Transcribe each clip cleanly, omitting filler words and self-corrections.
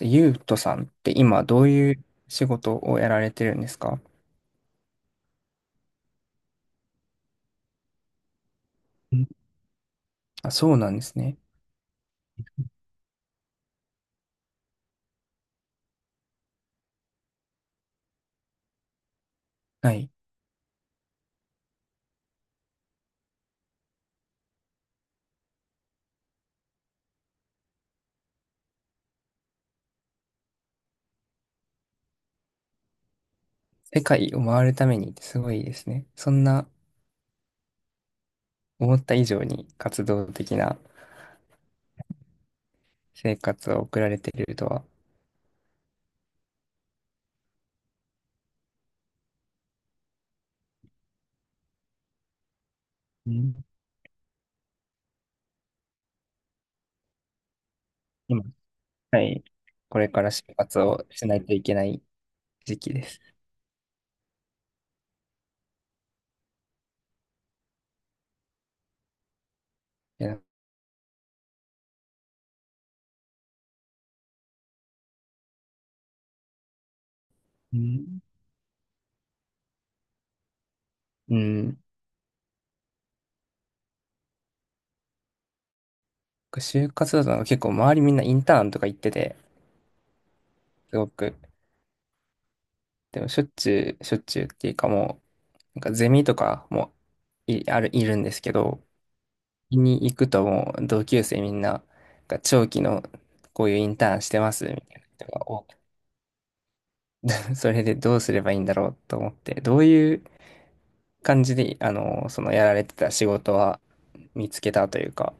ゆうとさんって今どういう仕事をやられてるんですか？んあ、そうなんですね。はい。世界を回るためにってすごいですね。そんな思った以上に活動的な生活を送られてるとは、うん。今、はい。これから就活をしないといけない時期です。いや、うんうん。就活だとなんか結構周りみんなインターンとか行ってて、すごく、でもしょっちゅうっていうかも、なんかゼミとかもいるんですけど、に行くともう同級生みんな、なんか長期のこういうインターンしてますみたいな人が多く、それでどうすればいいんだろうと思って、どういう感じで、そのやられてた仕事は見つけたというか、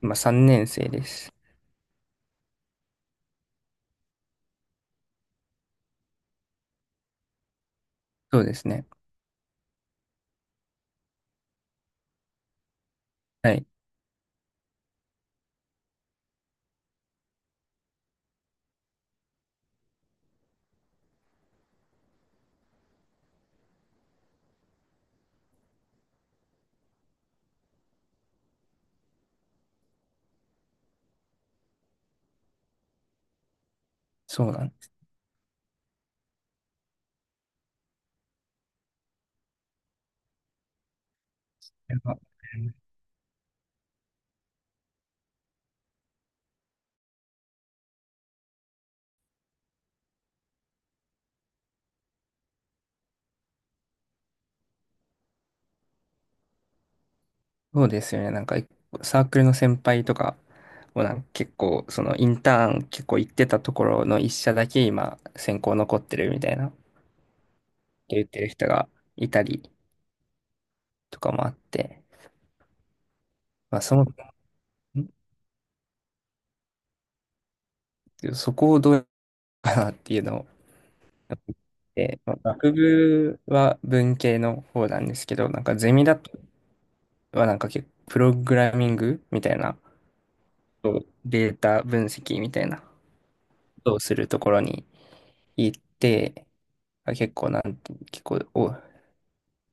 今3年生です。そうですね。はい。そうなんです。そうですよね。なんか、サークルの先輩とかをなんか結構、そのインターン結構行ってたところの一社だけ今、選考残ってるみたいな、言ってる人がいたりとかもあって、まあ、その、そこをどうかなっていうのを、で、まあ学部は文系の方なんですけど、なんかゼミだとはなんか結構プログラミングみたいな、そうデータ分析みたいなことをするところに行って、結構なん、結構、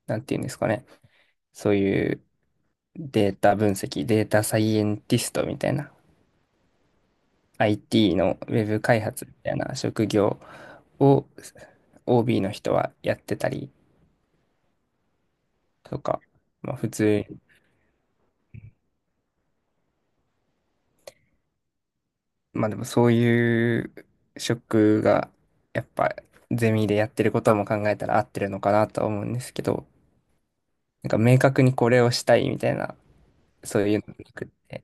なんていうんですかね。そういうデータ分析、データサイエンティストみたいな、IT のウェブ開発みたいな職業を OB の人はやってたりとか、まあ普通、まあでもそういう職がやっぱゼミでやってることも考えたら合ってるのかなとは思うんですけど、なんか明確にこれをしたいみたいな、そういうのがなくて、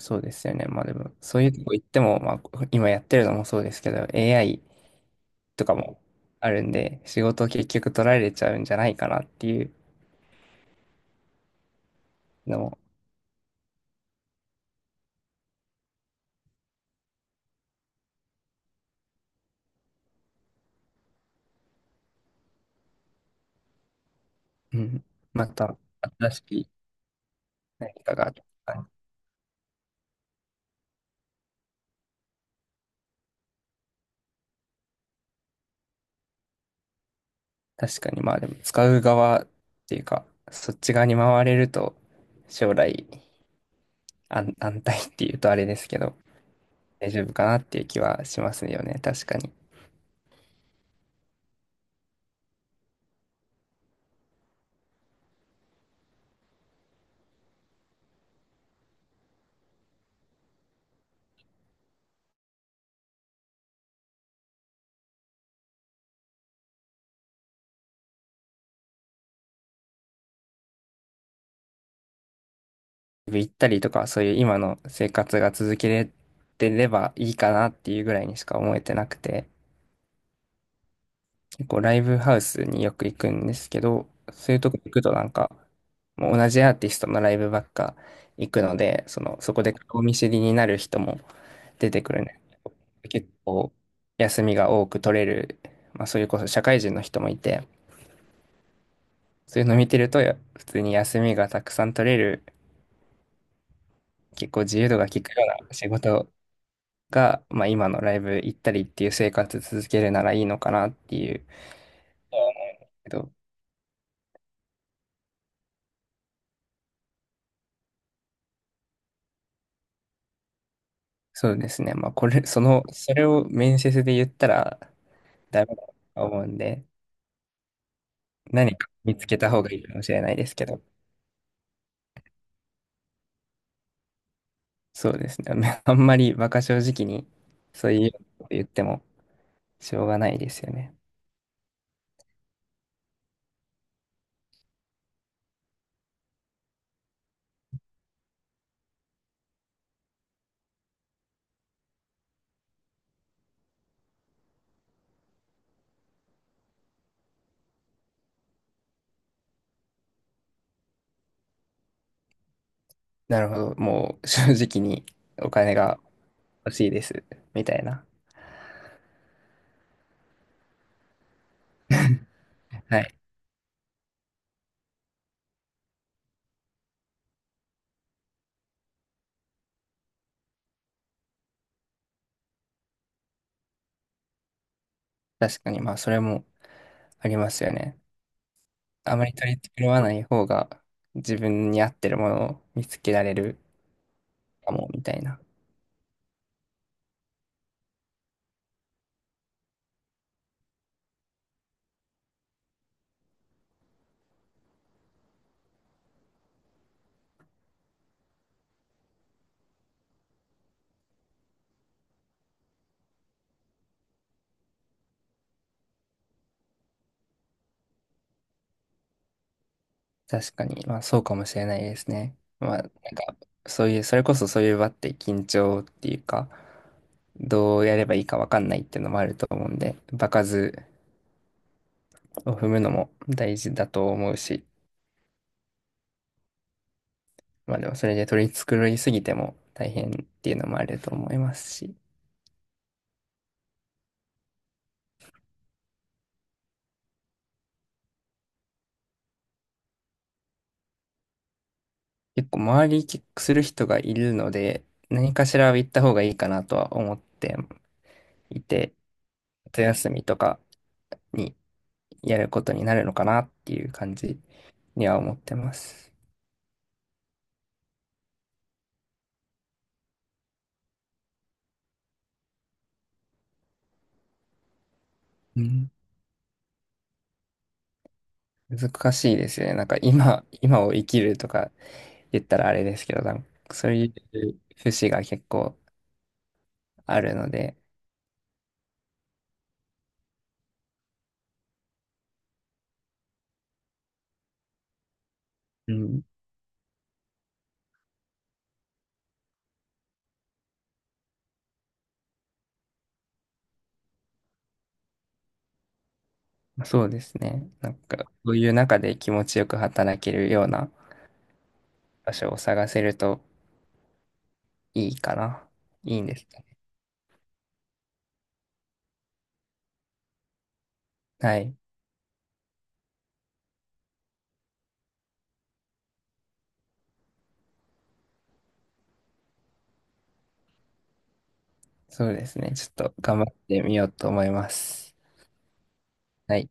そうですよね。まあでも、そういうとこ行っても、まあ今やってるのもそうですけど、AI とかもあるんで、仕事を結局取られちゃうんじゃないかなっていうのも、うん、また新しい何かがあった感じ、確かにまあでも使う側っていうか、そっち側に回れると、将来安、安泰っていうとあれですけど、大丈夫かなっていう気はしますよね。確かに。行ったりとか、そういう今の生活が続けれてればいいかなっていうぐらいにしか思えてなくて、結構ライブハウスによく行くんですけど、そういうとこ行くとなんか、もう同じアーティストのライブばっか行くので、その、そこで顔見知りになる人も出てくるね。結構休みが多く取れる、まあそれこそ社会人の人もいて、そういうの見てるとや普通に休みがたくさん取れる、結構自由度が利くような仕事が、まあ、今のライブ行ったりっていう生活続けるならいいのかなっていうけど、そうですね。まあ、これ、その、それを面接で言ったらダメだと思うんで、何か見つけた方がいいかもしれないですけど、そうですね。あんまり馬鹿正直に、そういうこと言ってもしょうがないですよね。なるほど。もう正直にお金が欲しいです、みたいな。はい。確かに、まあ、それもありますよね。あまり取り繕わない方が自分に合ってるものを見つけられるかも、みたいな。確かに、まあそうかもしれないですね。まあなんか、そういう、それこそそういう場って緊張っていうか、どうやればいいかわかんないっていうのもあると思うんで、場数を踏むのも大事だと思うし、まあでもそれで取り繕いすぎても大変っていうのもあると思いますし、結構周りキックする人がいるので、何かしらは言った方がいいかなとは思っていて、夏休みとかにやることになるのかなっていう感じには思ってます。うん。難しいですよね。なんか今、今を生きるとか言ったらあれですけど、なんかそういう節が結構あるので、うん。そうですね。なんか、そういう中で気持ちよく働けるような場所を探せるといいかな。いいんですかね。はい。そうですね。ちょっと頑張ってみようと思います。はい。